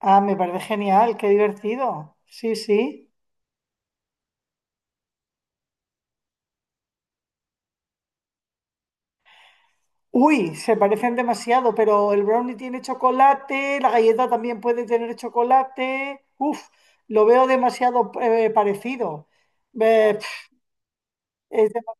Ah, me parece genial, qué divertido. Sí, sí. Uy, se parecen demasiado, pero el brownie tiene chocolate, la galleta también puede tener chocolate. Uf, lo veo demasiado parecido. Eh, pf, es dema-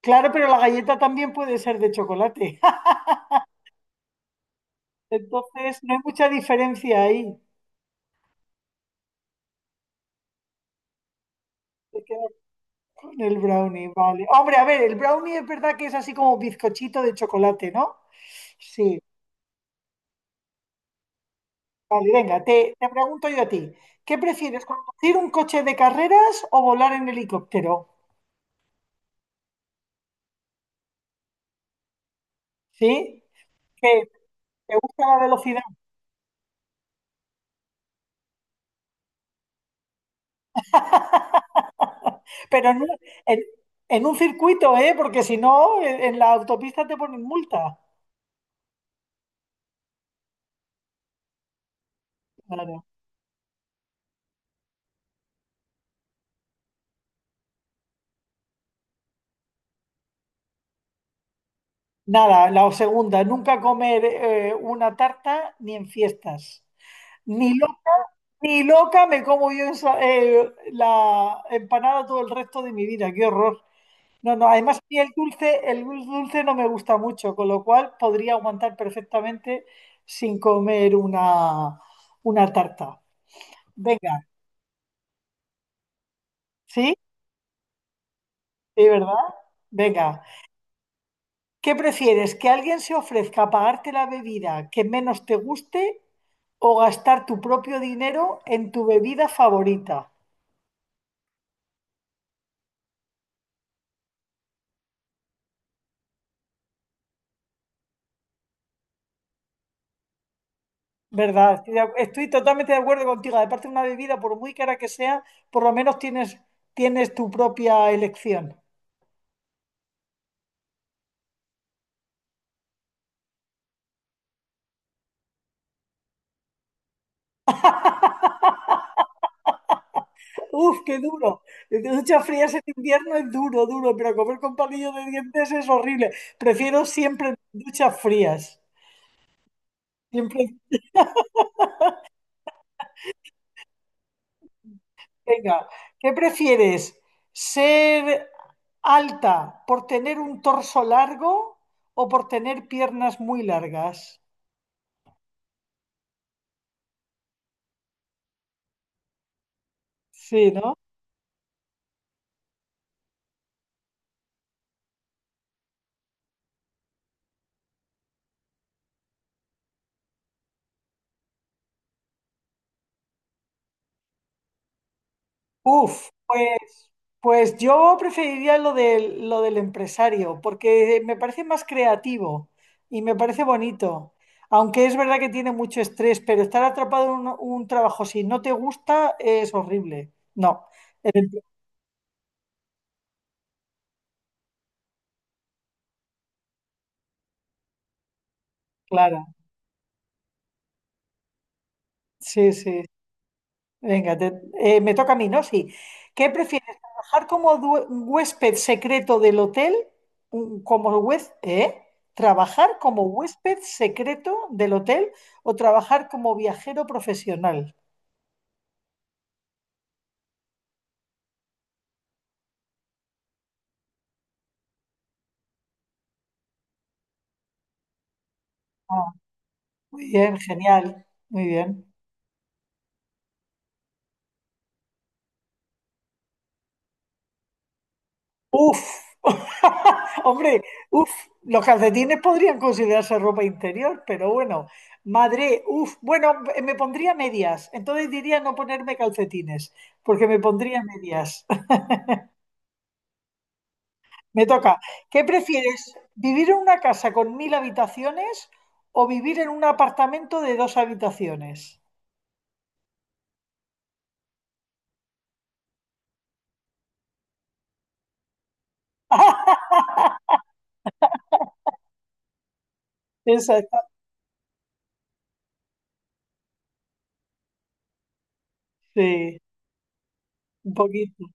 claro, pero la galleta también puede ser de chocolate. Entonces, no hay mucha diferencia ahí. Se queda con el brownie, vale. Hombre, a ver, el brownie es verdad que es así como bizcochito de chocolate, ¿no? Sí. Vale, venga, te pregunto yo a ti. ¿Qué prefieres, conducir un coche de carreras o volar en helicóptero? ¿Sí? Que te gusta la velocidad, pero en, un en- en un circuito, ¿eh? Porque si no, en la autopista te ponen multa. Claro. Nada, la segunda, nunca comer una tarta ni en fiestas. Ni loca, ni loca me como yo la empanada todo el resto de mi vida, qué horror. No, no, además a mí el dulce no me gusta mucho, con lo cual podría aguantar perfectamente sin comer una tarta. Venga, ¿sí? ¿Sí, verdad? Venga. ¿Qué prefieres? ¿Que alguien se ofrezca a pagarte la bebida que menos te guste o gastar tu propio dinero en tu bebida favorita? ¿Verdad? Estoy totalmente de acuerdo contigo. Aparte de una bebida, por muy cara que sea, por lo menos tienes tu propia elección. Uf, qué duro. Duchas frías en este invierno es duro, duro, pero comer con palillos de dientes es horrible. Prefiero siempre duchas frías. Siempre, venga, ¿qué prefieres? ¿Ser alta por tener un torso largo o por tener piernas muy largas? Sí, ¿no? Uf, pues. Pues yo preferiría lo del empresario, porque me parece más creativo y me parece bonito. Aunque es verdad que tiene mucho estrés, pero estar atrapado en un trabajo si no te gusta es horrible. No, el empre- claro. Sí, sí. Venga, me toca a mí, ¿no? Sí. ¿Qué prefieres? ¿Trabajar como huésped secreto del hotel? Como huésped, ¿eh? ¿Trabajar como huésped secreto del hotel o trabajar como viajero profesional? Ah, muy bien, genial, muy bien. Uf, hombre, uf, los calcetines podrían considerarse ropa interior, pero bueno, madre, uf, bueno, me pondría medias, entonces diría no ponerme calcetines, porque me pondría medias. Me toca. ¿Qué prefieres, vivir en una casa con mil habitaciones o vivir en un apartamento de dos habitaciones? Esa está, sí, un poquito.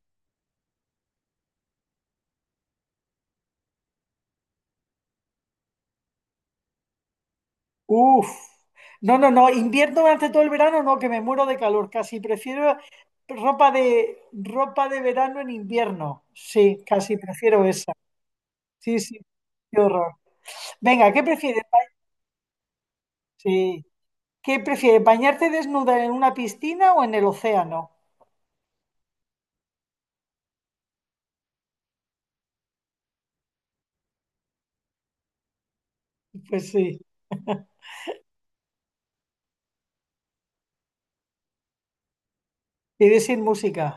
Uf, no, no, no, invierno durante todo el verano, no, que me muero de calor, casi prefiero ropa de verano en invierno. Sí, casi prefiero esa. Sí, sí, qué horror. Venga, ¿qué prefieres? Sí. ¿Qué prefieres, bañarte desnuda en una piscina o en el océano? Pues sí, iré sin música,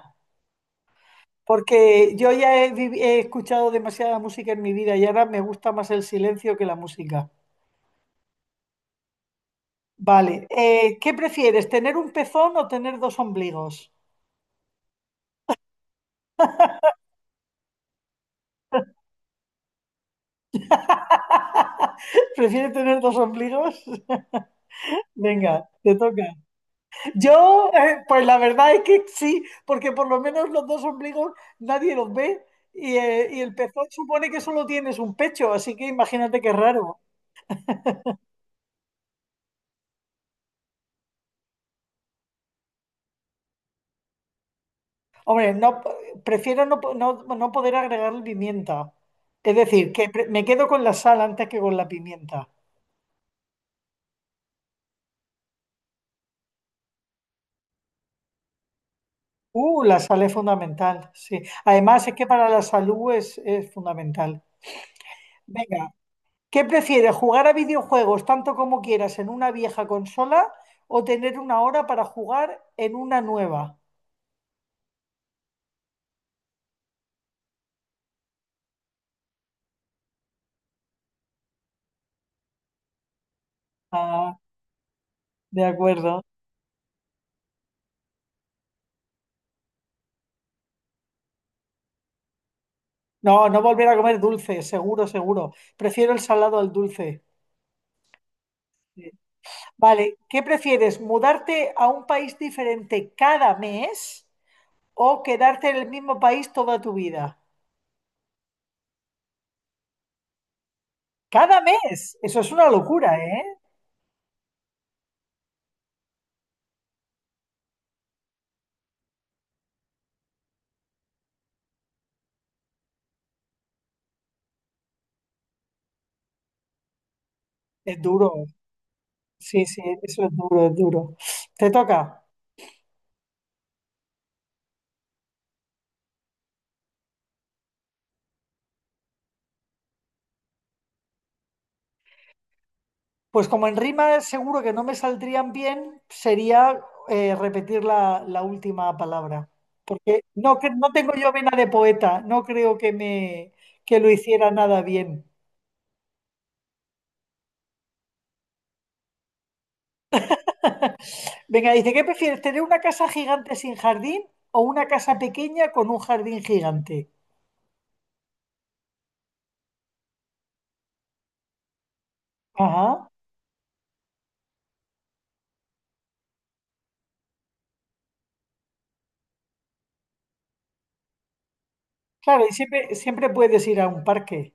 porque yo ya he escuchado demasiada música en mi vida y ahora me gusta más el silencio que la música. Vale, ¿qué prefieres, tener un pezón o tener dos ombligos? ¿Prefiere tener dos ombligos? Venga, te toca. Yo, pues la verdad es que sí, porque por lo menos los dos ombligos nadie los ve y el pezón supone que solo tienes un pecho, así que imagínate qué raro. Hombre, no, prefiero no poder agregar pimienta. Es decir, me quedo con la sal antes que con la pimienta. La sal es fundamental, sí. Además, es que para la salud es fundamental. Venga, ¿qué prefieres, jugar a videojuegos tanto como quieras en una vieja consola o tener una hora para jugar en una nueva? Ah, de acuerdo. No, no volver a comer dulce, seguro, seguro. Prefiero el salado al dulce. Sí. Vale, ¿qué prefieres, mudarte a un país diferente cada mes o quedarte en el mismo país toda tu vida? Cada mes. Eso es una locura, ¿eh? Es duro. Sí, sí, eso es duro, es duro. Te toca. Pues como en rima seguro que no me saldrían bien, sería repetir la última palabra. Porque no tengo yo vena de poeta, no creo que me que lo hiciera nada bien. Venga, dice, ¿qué prefieres, tener una casa gigante sin jardín o una casa pequeña con un jardín gigante? Ajá. Claro, y siempre puedes ir a un parque.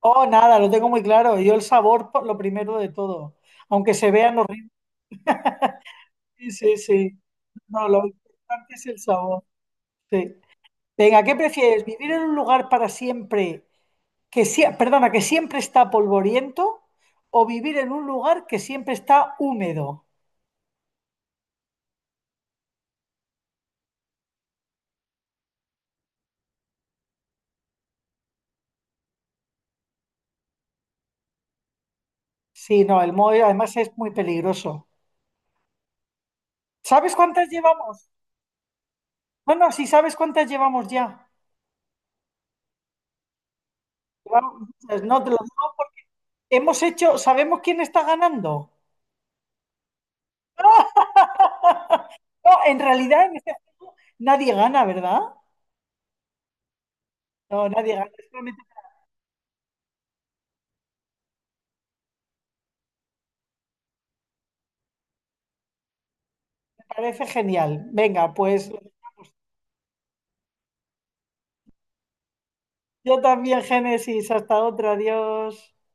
Oh, nada, lo tengo muy claro. Yo el sabor, por lo primero de todo. Aunque se vean horribles, sí, sí. No, lo importante es el sabor. Sí. Venga, ¿qué prefieres? ¿Vivir en un lugar para siempre perdona, que siempre está polvoriento o vivir en un lugar que siempre está húmedo? Sí, no, el moho además es muy peligroso. ¿Sabes cuántas llevamos? No, no, sí sabes cuántas llevamos ya. Llevamos muchas, no te lo digo porque hemos hecho, ¿sabemos quién está ganando? No, en realidad en este juego nadie gana, ¿verdad? No, nadie gana. Solamente me parece genial. Venga, pues yo también, Génesis. Hasta otro. Adiós.